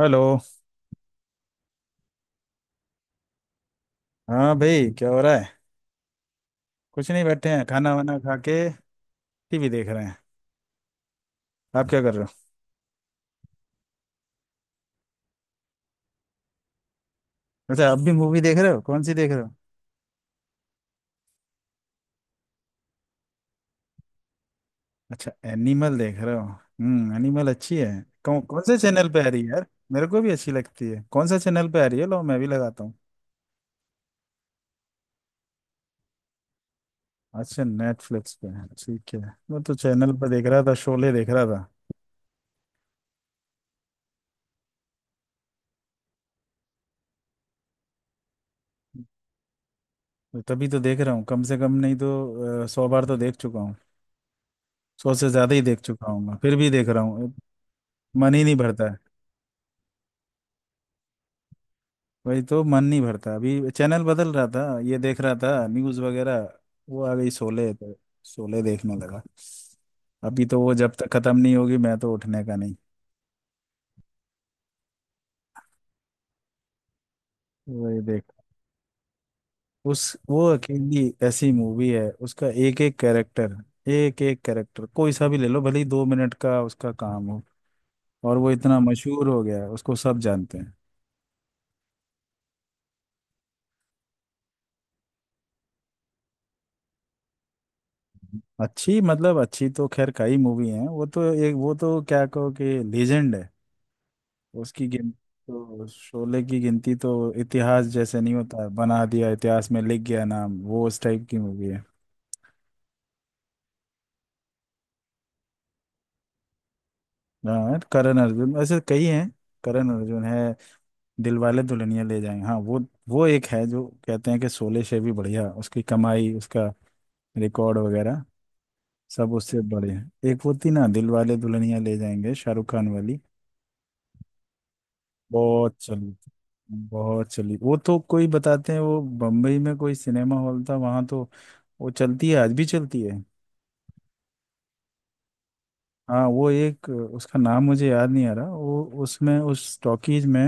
Hello. हाँ भाई, क्या हो रहा है? कुछ नहीं, बैठे हैं, खाना वाना खा के टीवी देख रहे हैं। आप क्या कर रहे हो? अच्छा, आप भी मूवी देख रहे हो, कौन सी देख रहे हो? अच्छा, एनिमल देख रहे हो। हम्म, एनिमल अच्छी है। कौन कौन से चैनल पे आ रही है यार? मेरे को भी अच्छी लगती है, कौन सा चैनल पे आ रही है? लो, मैं भी लगाता हूँ। अच्छा, नेटफ्लिक्स पे है, ठीक है। मैं तो चैनल पर देख रहा था, शोले देख रहा था। तो तभी तो देख रहा हूँ, कम से कम नहीं तो 100 बार तो देख चुका हूँ। 100 से ज्यादा ही देख चुका हूँ, मैं फिर भी देख रहा हूँ। मन ही नहीं भरता। वही तो मन नहीं भरता, अभी चैनल बदल रहा था, ये देख रहा था न्यूज़ वगैरह। वो आ गई शोले तो, शोले देखने लगा। अभी तो वो जब तक खत्म नहीं होगी, मैं तो उठने का नहीं। वही देख। उस वो अकेली ऐसी मूवी है, उसका एक एक कैरेक्टर। एक एक कैरेक्टर कोई सा भी ले लो, भले ही 2 मिनट का उसका काम हो, और वो इतना मशहूर हो गया है, उसको सब जानते हैं। अच्छी मतलब अच्छी तो खैर कई मूवी हैं, वो तो एक, वो तो क्या कहो कि लीजेंड है। उसकी गिन तो, शोले की गिनती तो इतिहास जैसे नहीं होता है बना दिया, इतिहास में लिख गया नाम, वो उस टाइप की मूवी है। हाँ करण अर्जुन, ऐसे कई हैं। करण अर्जुन है, दिलवाले दुल्हनिया ले जाएंगे, हाँ वो एक है जो कहते हैं कि शोले से भी बढ़िया उसकी कमाई, उसका रिकॉर्ड वगैरह सब उससे बढ़िया है। एक होती ना दिलवाले दुल्हनिया ले जाएंगे, शाहरुख खान वाली। बहुत चली थी, बहुत चली वो तो। कोई बताते हैं वो बम्बई में कोई सिनेमा हॉल था वहां तो वो चलती है, आज भी चलती है। हाँ वो एक, उसका नाम मुझे याद नहीं आ रहा, वो उसमें उस टॉकीज में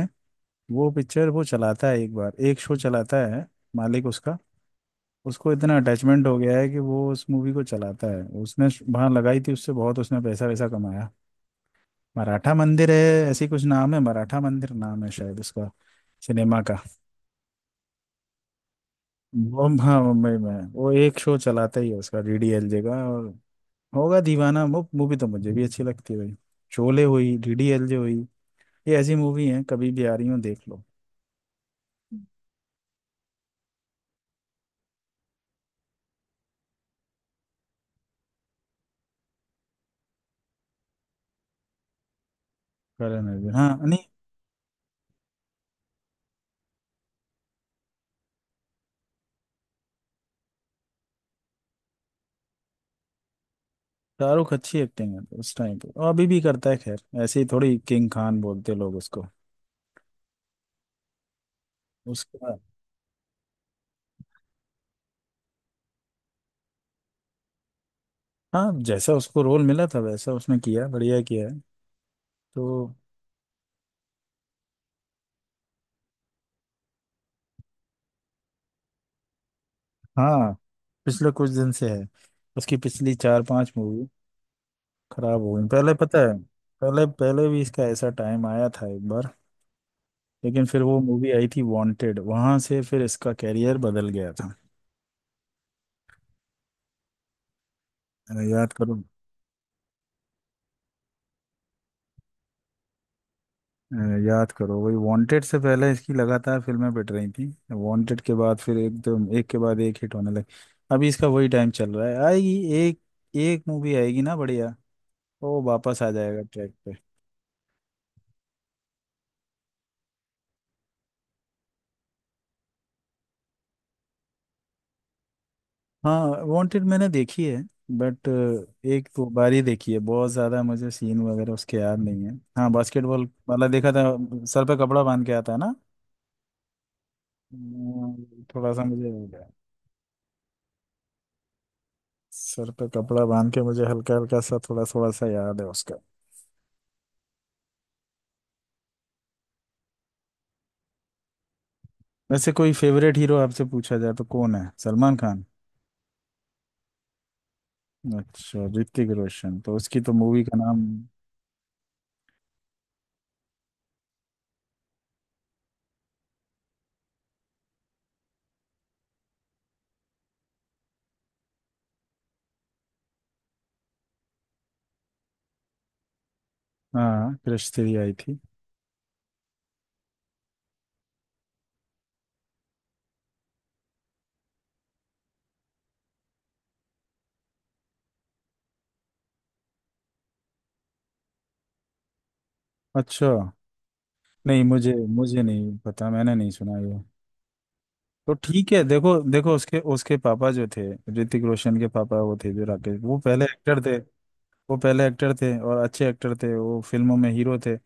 वो पिक्चर वो चलाता है, एक बार एक शो चलाता है, मालिक उसका। उसको इतना अटैचमेंट हो गया है कि वो उस मूवी को चलाता है, उसने वहां लगाई थी, उससे बहुत उसने पैसा वैसा कमाया। मराठा मंदिर है, ऐसी कुछ नाम है, मराठा मंदिर नाम है शायद उसका सिनेमा का। वो हाँ, मुंबई में है। वो एक शो चलाता ही है उसका, DDLJ का और होगा दीवाना। वो मूवी तो मुझे भी अच्छी लगती है भाई। शोले हुई, DDLJ हुई, ये ऐसी मूवी है कभी भी आ रही हो देख लो। करण अर्जुन, हाँ नहीं, शाहरुख अच्छी एक्टिंग है उस टाइम पे, और अभी भी करता है। खैर ऐसे ही थोड़ी किंग खान बोलते लोग उसको। उसका हाँ, जैसा उसको रोल मिला था वैसा उसने किया, बढ़िया किया है तो। हाँ पिछले कुछ दिन से है, उसकी पिछली चार पांच मूवी खराब हो गई, पहले पता है। पहले पहले भी इसका ऐसा टाइम आया था एक बार, लेकिन फिर वो मूवी आई थी वांटेड, वहां से फिर इसका कैरियर बदल गया था। याद करो। अ, याद करो वही, वांटेड से पहले इसकी लगातार फिल्में पिट रही थी, वांटेड के बाद फिर एकदम एक के बाद एक हिट होने लगी। अभी इसका वही टाइम चल रहा है, आएगी एक, एक मूवी आएगी ना बढ़िया, वो वापस आ जाएगा ट्रैक। हाँ वांटेड मैंने देखी है, बट एक दो बार ही देखी है, बहुत ज़्यादा मुझे सीन वगैरह उसके याद नहीं है। हाँ बास्केटबॉल वाला देखा था, सर पे कपड़ा बांध के आता है ना। थोड़ा सा मुझे याद है। सर पे कपड़ा बांध के मुझे हल्का हल्का सा थोड़ा थोड़ा सा याद है उसका। वैसे कोई फेवरेट हीरो आपसे पूछा जाए तो कौन है, सलमान खान? अच्छा ऋतिक रोशन, तो उसकी तो मूवी का नाम, हाँ क्रिश 3 आई थी। अच्छा, नहीं मुझे मुझे नहीं पता, मैंने नहीं सुना ये। तो ठीक है, देखो देखो, उसके उसके पापा जो थे, ऋतिक रोशन के पापा वो थे, जो राकेश, वो पहले एक्टर थे। वो पहले एक्टर थे और अच्छे एक्टर थे, वो फिल्मों में हीरो थे।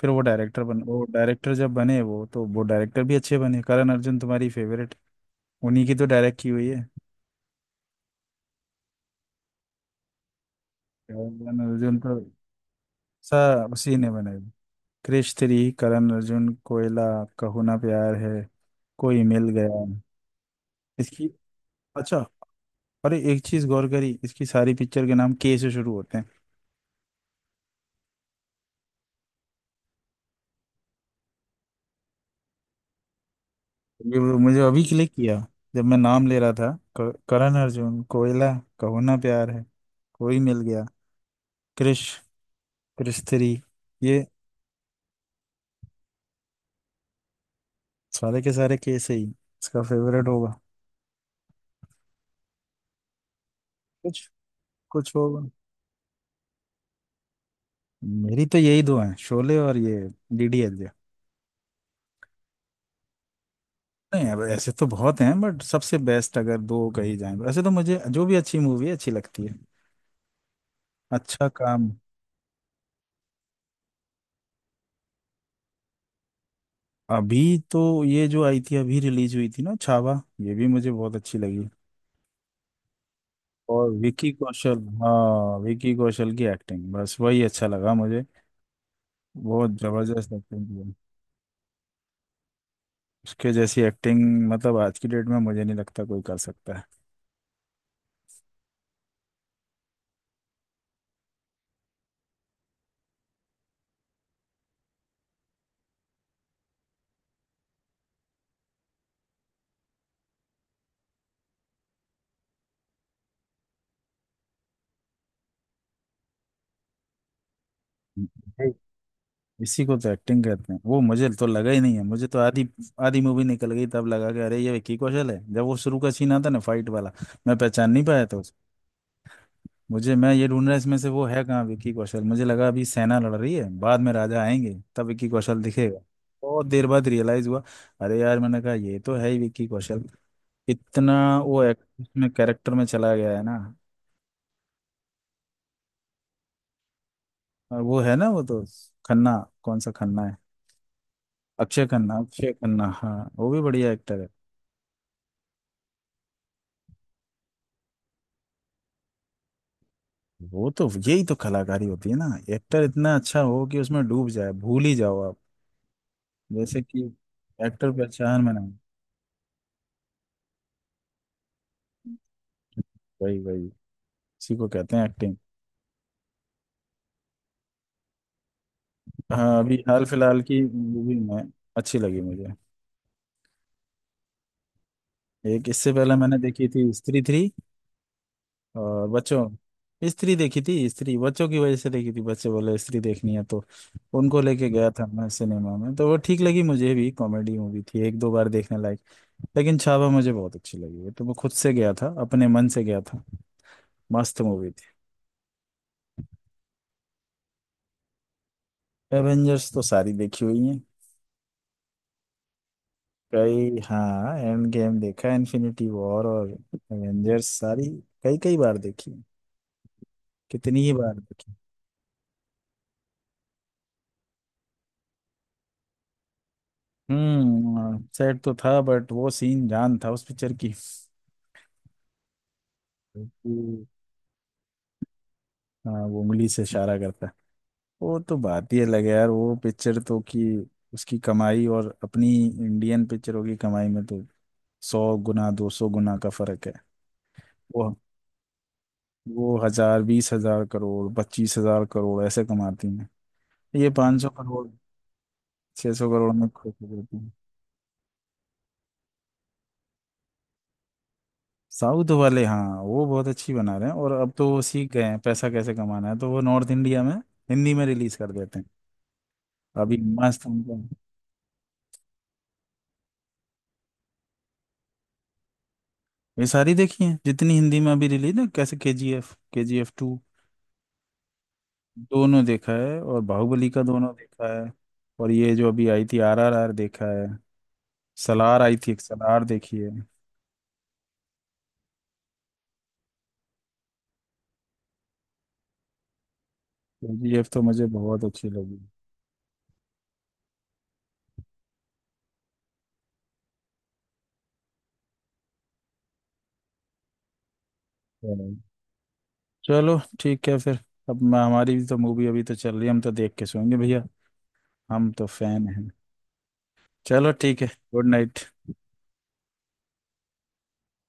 फिर वो डायरेक्टर बन, वो डायरेक्टर जब बने वो, तो वो डायरेक्टर भी अच्छे बने। करण अर्जुन तुम्हारी फेवरेट, उन्हीं की तो डायरेक्ट की हुई है। करण अर्जुन तो सा, उसी ने बनाई। क्रिश 3, करण अर्जुन, कोयला, कहो ना प्यार है, कोई मिल गया, इसकी। अच्छा, अरे एक चीज गौर करी, इसकी सारी पिक्चर के नाम के से शुरू होते हैं। ये मुझे अभी क्लिक किया जब मैं नाम ले रहा था। करण अर्जुन, कोयला, कहो ना प्यार है, कोई मिल गया, क्रिश, क्रिश 3, ये सारे के सारे कैसे ही, इसका फेवरेट होगा कुछ, कुछ होगा। मेरी तो यही दो हैं, शोले और ये DDLJ। नहीं अब ऐसे तो बहुत हैं, बट सबसे बेस्ट अगर दो कही जाएं, वैसे तो मुझे जो भी अच्छी मूवी है अच्छी लगती है, अच्छा काम। अभी तो ये जो आई थी अभी रिलीज हुई थी ना, छावा, ये भी मुझे बहुत अच्छी लगी। और विकी कौशल, हाँ विकी कौशल की एक्टिंग बस वही अच्छा लगा मुझे, बहुत जबरदस्त एक्टिंग की है। उसके जैसी एक्टिंग मतलब आज की डेट में मुझे नहीं लगता कोई कर सकता है। है। इसी को तो एक्टिंग कहते हैं, वो मुझे तो लगा ही नहीं है, मुझे तो आधी, आधी मूवी निकल गई तब लगा कि अरे ये विकी कौशल है। जब वो शुरू का सीन आता ना फाइट वाला, मैं पहचान नहीं पाया तो। मुझे मैं ये ढूंढ रहा इसमें से वो है कहाँ विक्की कौशल, मुझे लगा अभी सेना लड़ रही है, बाद में राजा आएंगे तब विक्की कौशल दिखेगा। बहुत देर बाद रियलाइज हुआ, अरे यार मैंने कहा ये तो है ही विक्की कौशल, इतना वो एक्ट में कैरेक्टर में चला गया है ना। और वो है ना वो तो, खन्ना, कौन सा खन्ना है? अक्षय खन्ना, अक्षय खन्ना हाँ, वो भी बढ़िया एक्टर है। वो तो यही तो कलाकारी होती है ना, एक्टर इतना अच्छा हो कि उसमें डूब जाए, भूल ही जाओ आप, जैसे कि एक्टर पहचान में ना। वही वही, इसी को कहते हैं एक्टिंग। हाँ अभी हाल फिलहाल की मूवी में अच्छी लगी मुझे। एक इससे पहले मैंने देखी थी स्त्री 3, और बच्चों, स्त्री देखी थी, स्त्री बच्चों की वजह से देखी थी, बच्चे बोले स्त्री देखनी है तो उनको लेके गया था मैं सिनेमा में। तो वो ठीक लगी मुझे भी, कॉमेडी मूवी थी, एक दो बार देखने लायक। लेकिन छावा मुझे बहुत अच्छी लगी है, तो मैं खुद से गया था, अपने मन से गया था, मस्त मूवी थी। एवेंजर्स तो सारी देखी हुई है, कई, हाँ एंड गेम देखा, इन्फिनिटी वॉर और एवेंजर्स सारी, कई कई बार देखी, कितनी ही बार देखी। हम्म, सैड तो था बट वो सीन जान था उस पिक्चर की। हम्म। हाँ वो उंगली से इशारा करता है। वो तो बात ही अलग है यार, वो पिक्चर तो कि उसकी कमाई और अपनी इंडियन पिक्चरों की कमाई में तो 100 गुना, 200 गुना का फर्क है। वो वो हजार, 20,000 करोड़, 25,000 करोड़ ऐसे कमाती हैं, ये 500 करोड़, 600 करोड़ में खो देती। साउथ वाले, हाँ वो बहुत अच्छी बना रहे हैं, और अब तो वो सीख गए हैं पैसा कैसे कमाना है, तो वो नॉर्थ इंडिया में हिंदी में रिलीज कर देते हैं। अभी मस्त उनका। ये सारी देखी है, जितनी हिंदी में अभी रिलीज ना, कैसे KGF, KGF 2, दोनों देखा है, और बाहुबली का दोनों देखा है, और ये जो अभी आई थी RRR देखा है, सलार आई थी एक, सलार देखी है। KGF तो मुझे बहुत अच्छी लगी। चलो चलो, ठीक है फिर, हमारी भी तो मूवी अभी तो चल रही है, हम तो देख के सोएंगे भैया, हम तो फैन हैं। चलो ठीक है। Good night.